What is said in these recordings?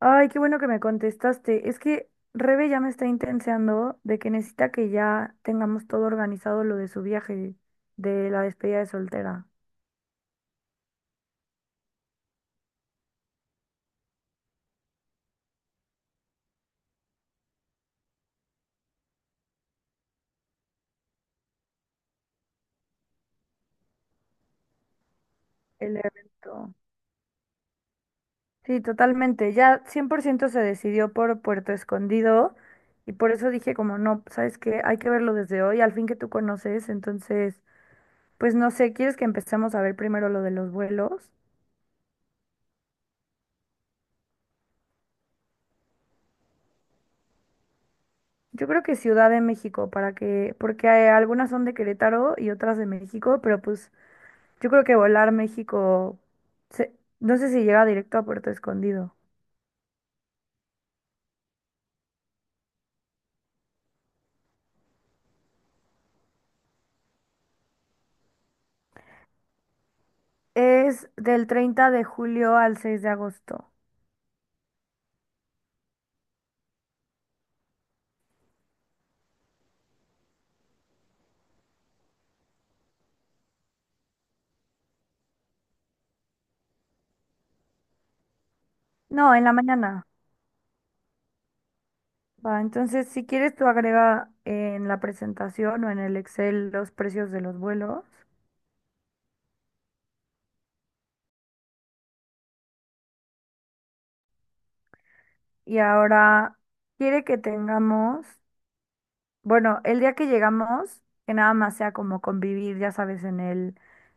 Ay, qué bueno que me contestaste. Es que Rebe ya me está intenseando de que necesita que ya tengamos todo organizado lo de su viaje, de la despedida de soltera, el evento. Sí, totalmente. Ya 100% se decidió por Puerto Escondido y por eso dije como, no, ¿sabes qué? Hay que verlo desde hoy, al fin que tú conoces. Entonces, pues no sé, ¿quieres que empecemos a ver primero lo de los vuelos? Yo creo que Ciudad de México, para que, porque algunas son de Querétaro y otras de México, pero pues yo creo que volar México, se- no sé si llega directo a Puerto Escondido. Es del 30 de julio al 6 de agosto. No, en la mañana. Va, entonces si quieres tú agrega en la presentación o en el Excel los precios de los vuelos. Y ahora quiere que tengamos, bueno, el día que llegamos, que nada más sea como convivir, ya sabes, en el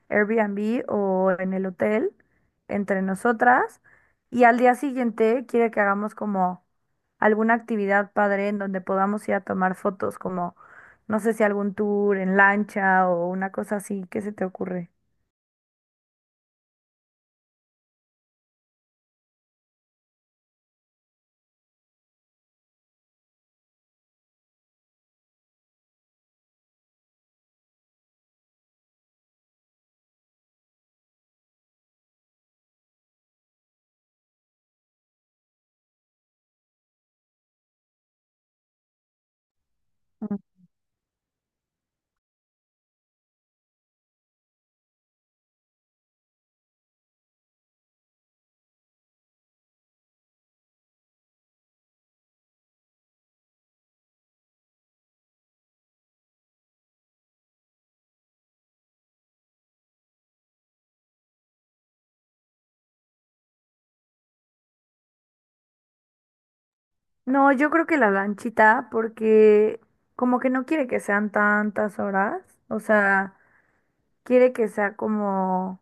Airbnb o en el hotel entre nosotras. Y al día siguiente quiere que hagamos como alguna actividad padre en donde podamos ir a tomar fotos, como no sé si algún tour en lancha o una cosa así. ¿Qué se te ocurre? Mm. No, yo creo que la lanchita, porque como que no quiere que sean tantas horas, o sea, quiere que sea como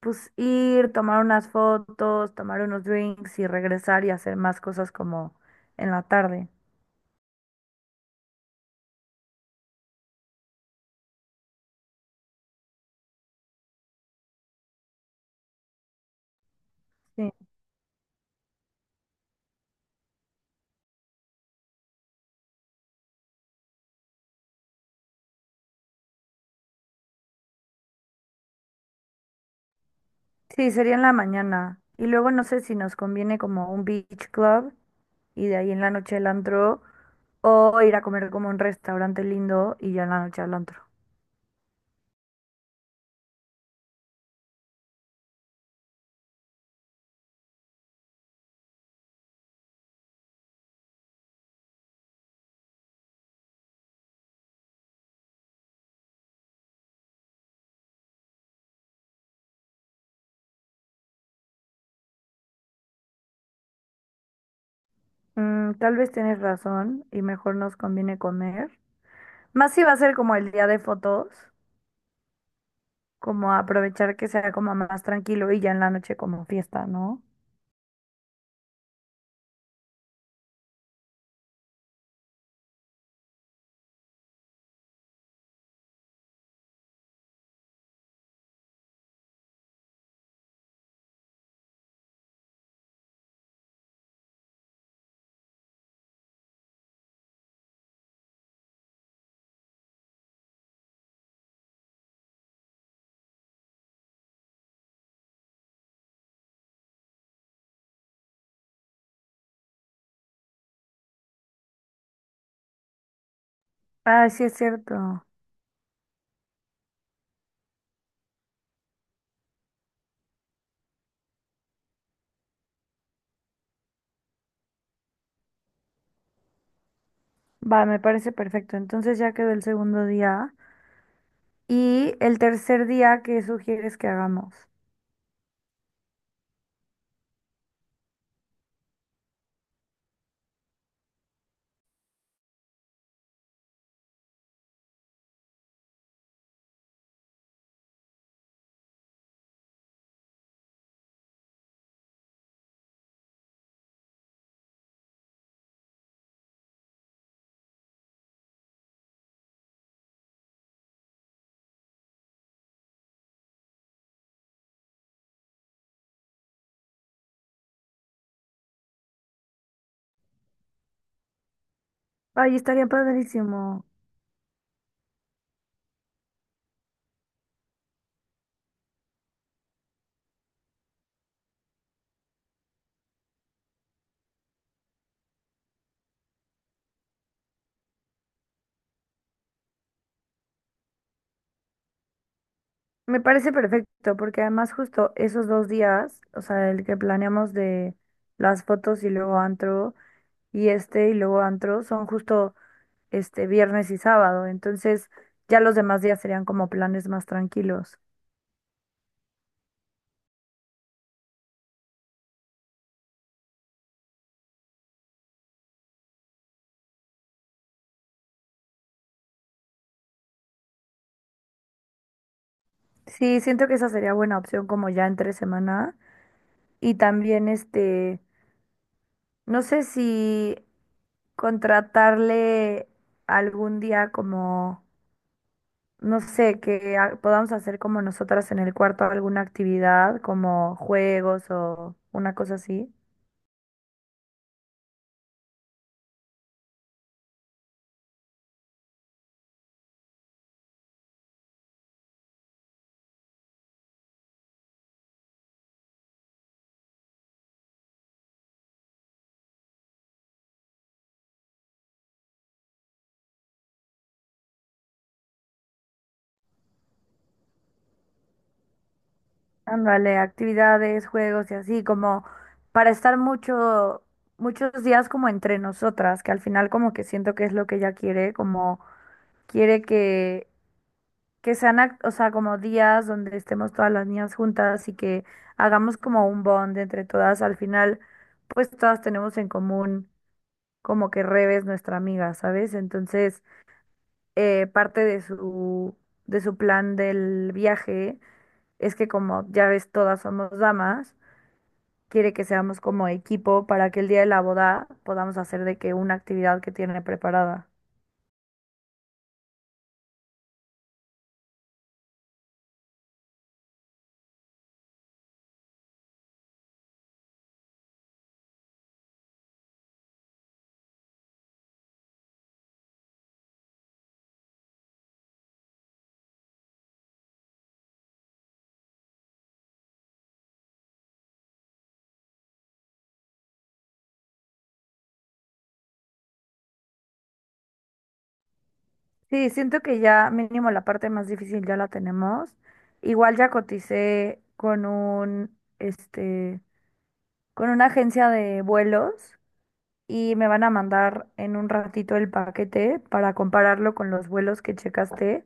pues ir, tomar unas fotos, tomar unos drinks y regresar y hacer más cosas como en la tarde. Sí, sí, sería en la mañana. Y luego no sé si nos conviene como un beach club y de ahí en la noche el antro o ir a comer como a un restaurante lindo y ya en la noche al antro. Tal vez tienes razón y mejor nos conviene comer. Más si va a ser como el día de fotos, como aprovechar que sea como más tranquilo y ya en la noche como fiesta, ¿no? Ah, sí es cierto. Va, me parece perfecto. Entonces ya quedó el segundo día. Y el tercer día, ¿qué sugieres que hagamos? Ay, estaría padrísimo. Me parece perfecto, porque además justo esos dos días, o sea, el que planeamos de las fotos y luego antro, y este y luego antro, son justo este viernes y sábado. Entonces ya los demás días serían como planes más tranquilos. Sí, siento que esa sería buena opción como ya entre semana. Y también este, no sé si contratarle algún día como, no sé, que podamos hacer como nosotras en el cuarto alguna actividad, como juegos o una cosa así. Ándale, actividades, juegos y así, como para estar muchos días como entre nosotras, que al final como que siento que es lo que ella quiere, como quiere que sean, o sea, como días donde estemos todas las niñas juntas y que hagamos como un bond entre todas. Al final, pues todas tenemos en común como que Rebe es nuestra amiga, ¿sabes? Entonces, parte de su plan del viaje es que como ya ves, todas somos damas, quiere que seamos como equipo para que el día de la boda podamos hacer de que una actividad que tiene preparada. Sí, siento que ya mínimo la parte más difícil ya la tenemos. Igual ya coticé este, con una agencia de vuelos y me van a mandar en un ratito el paquete para compararlo con los vuelos que checaste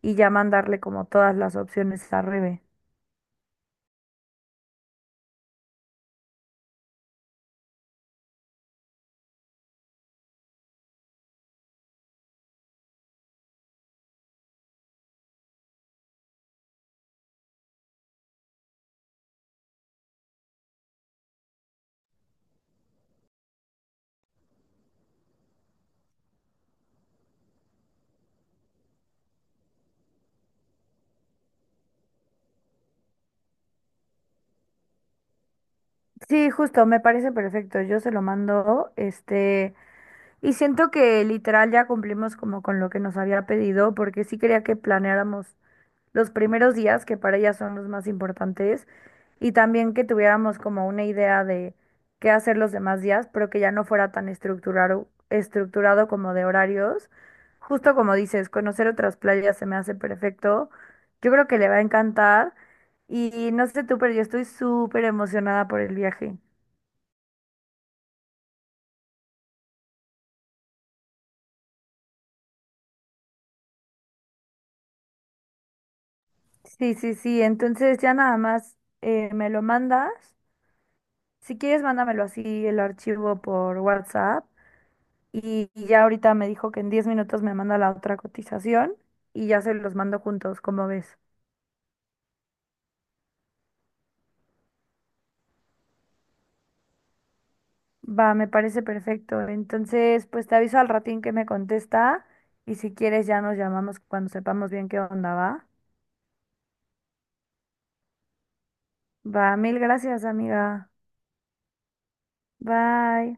y ya mandarle como todas las opciones a Rebe. Sí, justo, me parece perfecto. Yo se lo mando, este, y siento que literal ya cumplimos como con lo que nos había pedido, porque sí quería que planeáramos los primeros días, que para ella son los más importantes, y también que tuviéramos como una idea de qué hacer los demás días, pero que ya no fuera tan estructurado, estructurado como de horarios. Justo como dices, conocer otras playas se me hace perfecto. Yo creo que le va a encantar. Y no sé tú, pero yo estoy súper emocionada por el viaje. Sí, sí, sí. Entonces ya nada más me lo mandas. Si quieres, mándamelo así el archivo por WhatsApp. Y ya ahorita me dijo que en 10 minutos me manda la otra cotización y ya se los mando juntos, como ves. Va, me parece perfecto. Entonces, pues te aviso al ratín que me contesta y si quieres ya nos llamamos cuando sepamos bien qué onda va. Va, mil gracias, amiga. Bye.